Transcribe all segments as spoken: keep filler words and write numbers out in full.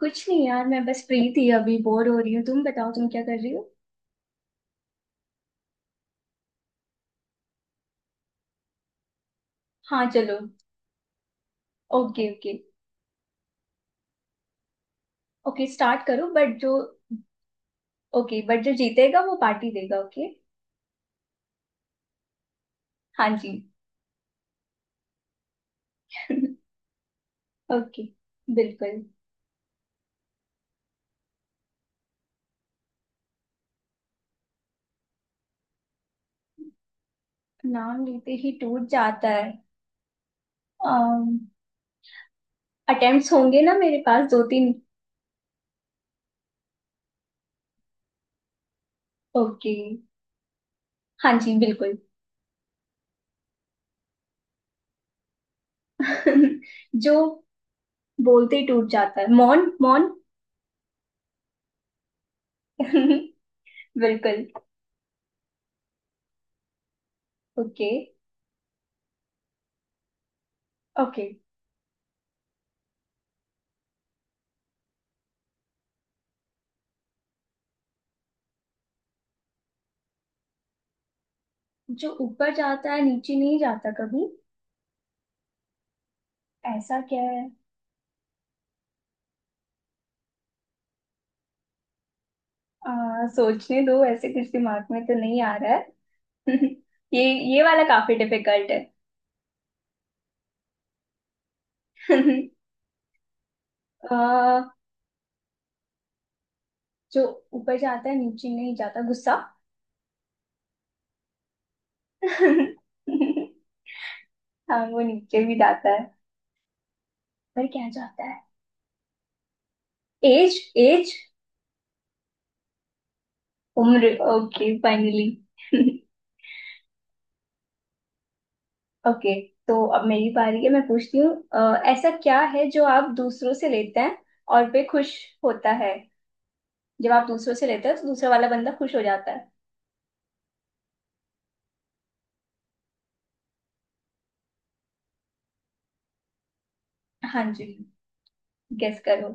कुछ नहीं यार। मैं बस फ्री थी, अभी बोर हो रही हूँ। तुम बताओ, तुम क्या कर रही हो? हाँ चलो। Okay okay. ओके स्टार्ट करो, बट जो— ओके, बट जो जीतेगा वो पार्टी देगा, ओके? हाँ जी। ओके। बिल्कुल। नाम लेते ही टूट जाता है? अटेम्प्ट्स होंगे ना मेरे पास, दो तीन? ओके। हाँ जी, बिल्कुल। जो बोलते ही टूट जाता है— मौन मौन। बिल्कुल। Okay okay. जो ऊपर जाता है नीचे नहीं जाता कभी? ऐसा क्या है? आ, सोचने दो, ऐसे कुछ दिमाग में तो नहीं आ रहा है। ये ये वाला काफी डिफिकल्ट है। आ, जो ऊपर जाता है नीचे नहीं जाता— गुस्सा। हाँ वो नीचे भी जाता है। पर क्या जाता है? एज एज, उम्र। Okay finally. ओके, तो अब मेरी बारी है, मैं पूछती हूँ। अ, ऐसा क्या है जो आप दूसरों से लेते हैं और पे खुश होता है? जब आप दूसरों से लेते हो तो दूसरा वाला बंदा खुश हो जाता है। हाँ जी। गेस करो।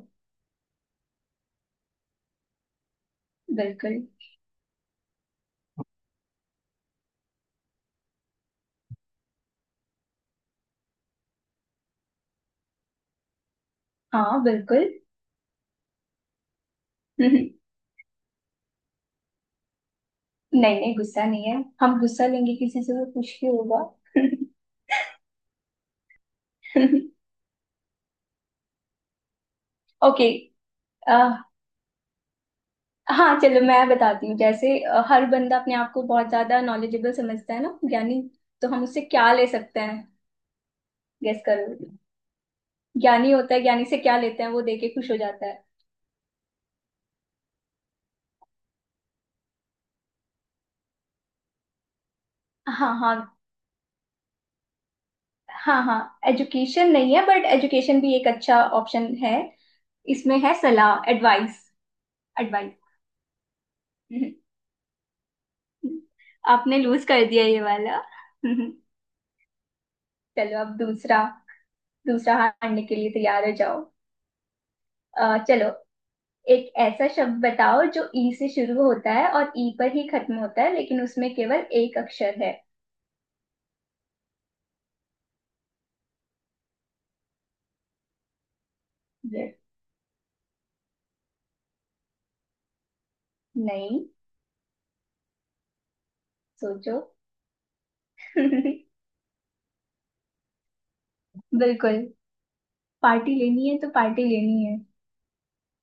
बिल्कुल। हाँ बिल्कुल। नहीं। नहीं, गुस्सा नहीं है। हम गुस्सा लेंगे किसी से वो कुछ भी होगा। ओके। हाँ चलो, मैं बताती हूँ। जैसे अ, हर बंदा अपने आप को बहुत ज्यादा नॉलेजेबल समझता है ना, ज्ञानी। तो हम उससे क्या ले सकते हैं? गेस करो। ज्ञानी होता है, ज्ञानी से क्या लेते हैं वो देके खुश हो जाता है? हाँ हाँ। हाँ हाँ, एजुकेशन नहीं है, बट एजुकेशन भी एक अच्छा ऑप्शन है। इसमें है सलाह, एडवाइस। एडवाइस। आपने लूज कर दिया ये वाला। चलो, अब दूसरा। दूसरा हारने के लिए तैयार हो जाओ। अ, चलो, एक ऐसा शब्द बताओ जो ई से शुरू होता है और ई पर ही खत्म होता है, लेकिन उसमें केवल एक अक्षर है। ये नहीं। सोचो। बिल्कुल। पार्टी लेनी है तो पार्टी लेनी है।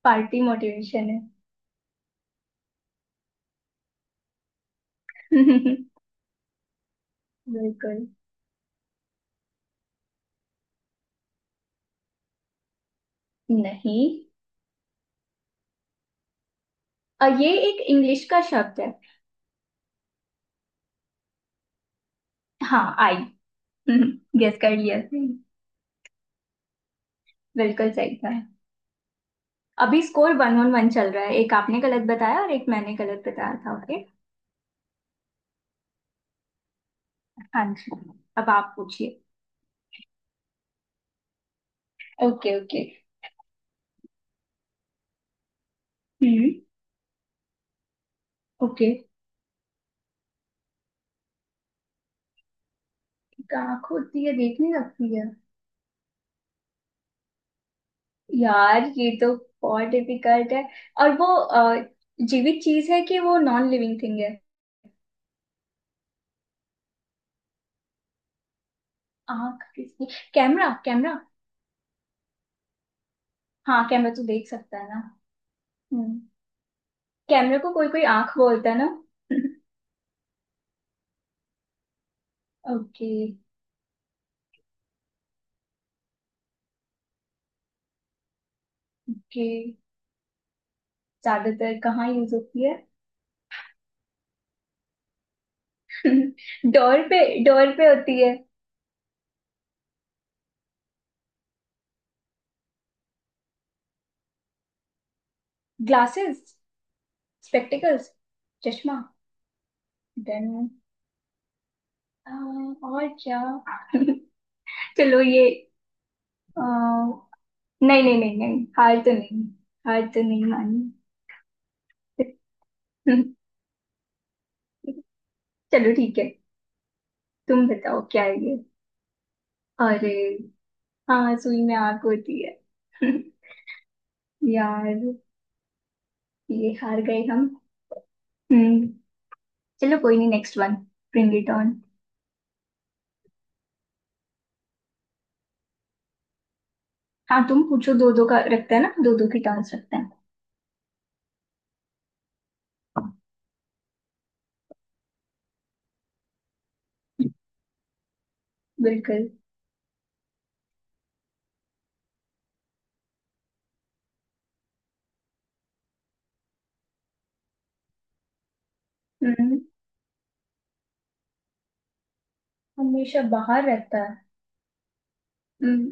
पार्टी मोटिवेशन है। बिल्कुल नहीं। अ, ये एक इंग्लिश का शब्द है। हाँ, आई। गेस कर लिया। बिल्कुल सही था। अभी स्कोर वन ऑन वन चल रहा है। एक आपने गलत बताया और एक मैंने गलत बताया था, ओके? हाँ जी। अब आप पूछिए। Okay okay. हम्म। ओके। आंख होती है, देख नहीं सकती है? यार ये तो बहुत डिफिकल्ट है। और वो अ, जीवित चीज है कि वो नॉन लिविंग थिंग है? आंख किसकी? Camera, camera. हाँ कैमरा तो देख सकता है ना। हम्म। कैमरे को कोई कोई आंख बोलता है ना। Okay okay. ज्यादातर कहाँ यूज होती है? डोर पे, डोर पे होती है। ग्लासेस। स्पेक्टिकल्स। चश्मा। देन? और क्या? चलो ये— अ, नहीं नहीं नहीं नहीं। हार तो नहीं हार तो नहीं मानी। चलो ठीक है। तुम बताओ क्या है ये? अरे, हाँ सुई में आग होती है। यार, ये हार गए हम। हम्म। चलो कोई नहीं, next one. Bring it on. हाँ तुम पूछो, दो दो का रखते हैं ना, दो दो की टांस रखते हैं। बिल्कुल। हम्म, हमेशा बाहर रहता है? हम्म,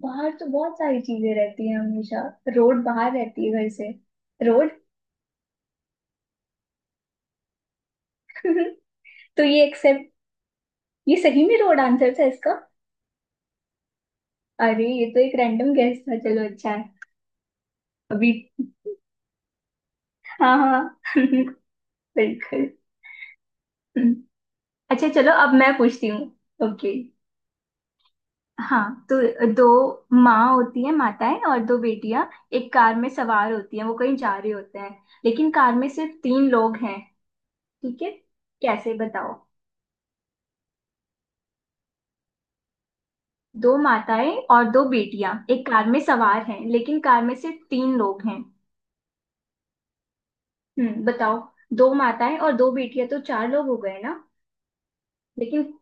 बाहर तो बहुत सारी चीजें रहती हैं हमेशा। रोड बाहर रहती है घर से। रोड। तो ये एक्सेप्ट— ये सही में रोड आंसर था इसका? अरे ये तो एक रैंडम गेस था, चलो अच्छा है। अभी हाँ हाँ। बिल्कुल। हम्म। अच्छा चलो, अब मैं पूछती हूँ। ओके। हाँ, तो दो माँ होती है— माताएं, और दो बेटियां एक कार में सवार होती हैं, वो कहीं जा रहे होते हैं। लेकिन कार में सिर्फ तीन लोग हैं। ठीक है, कैसे? बताओ। दो माताएं और दो बेटियां एक कार में सवार हैं, लेकिन कार में सिर्फ तीन लोग हैं। हम्म, बताओ। दो माताएं और दो बेटियां तो चार लोग हो गए ना? लेकिन—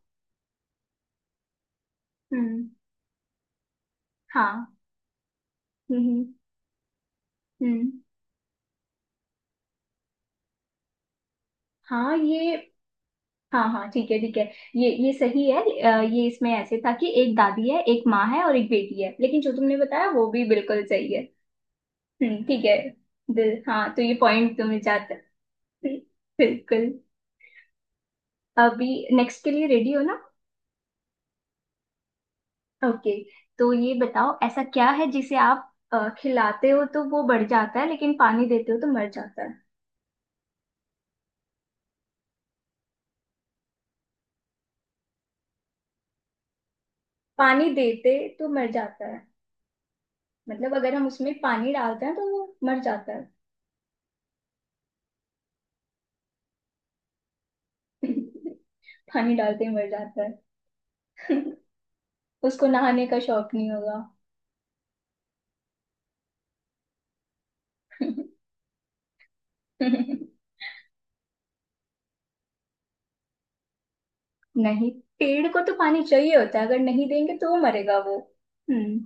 हम्म। हाँ। हम्म हम्म। हम्म, हाँ ये— हाँ हाँ, ठीक है ठीक है। ये ये सही है। अ, ये इसमें ऐसे था कि एक दादी है, एक माँ है और एक बेटी है, लेकिन जो तुमने बताया वो भी बिल्कुल सही है। हम्म, ठीक है। दिल— हाँ तो ये पॉइंट तुम्हें जाता है। हम्म, बिल्कुल। अभी नेक्स्ट के लिए रेडी हो ना? ओके, तो ये बताओ, ऐसा क्या है जिसे आप अ, खिलाते हो तो वो बढ़ जाता है, लेकिन पानी देते हो तो मर जाता है? पानी देते तो मर जाता है। मतलब अगर हम उसमें पानी डालते हैं तो वो मर जाता है। पानी डालते ही मर जाता है। उसको नहाने का शौक नहीं होगा। नहीं, पेड़ को तो पानी चाहिए होता है, अगर नहीं देंगे तो वो मरेगा वो। हम्म।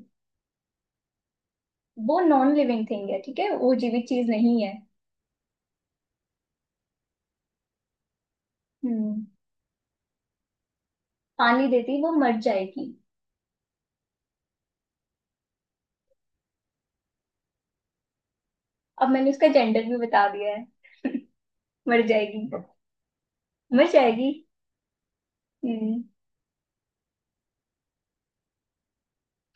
वो नॉन लिविंग थिंग है, ठीक है, वो जीवित चीज नहीं है। हम्म। पानी देती वो मर जाएगी। अब मैंने उसका जेंडर भी बता दिया है। मर जाएगी। मर जाएगी। हम्म।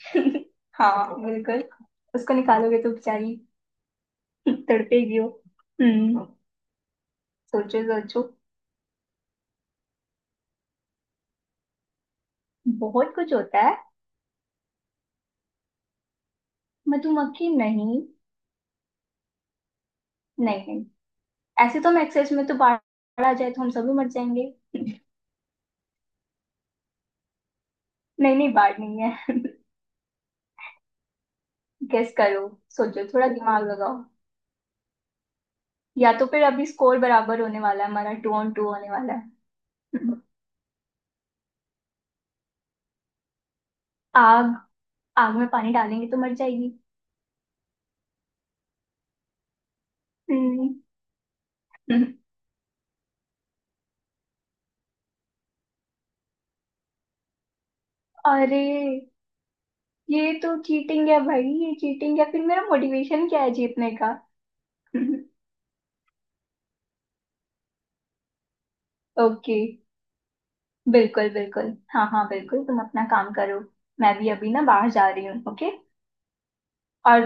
हाँ बिल्कुल। उसको निकालोगे तो बेचारी— तड़पेगी वो। हम्म। सोचो सोचो। बहुत कुछ होता है। मधुमक्खी नहीं, नहीं नहीं। ऐसे तो हम एक्सेस में तो बाढ़ आ जाए तो हम सभी मर जाएंगे। नहीं नहीं, बाढ़ नहीं है। गेस करो, सोचो, थोड़ा दिमाग लगाओ। या तो फिर अभी स्कोर बराबर होने वाला है, हमारा टू ऑन टू होने वाला है। आग। आग में पानी डालेंगे तो मर जाएगी। हम्म। अरे, ये तो चीटिंग है भाई, ये चीटिंग है। फिर मेरा मोटिवेशन क्या है जीतने का? ओके। बिल्कुल, बिल्कुल। हाँ हाँ बिल्कुल, तुम अपना काम करो। मैं भी अभी ना बाहर जा रही हूँ, ओके। और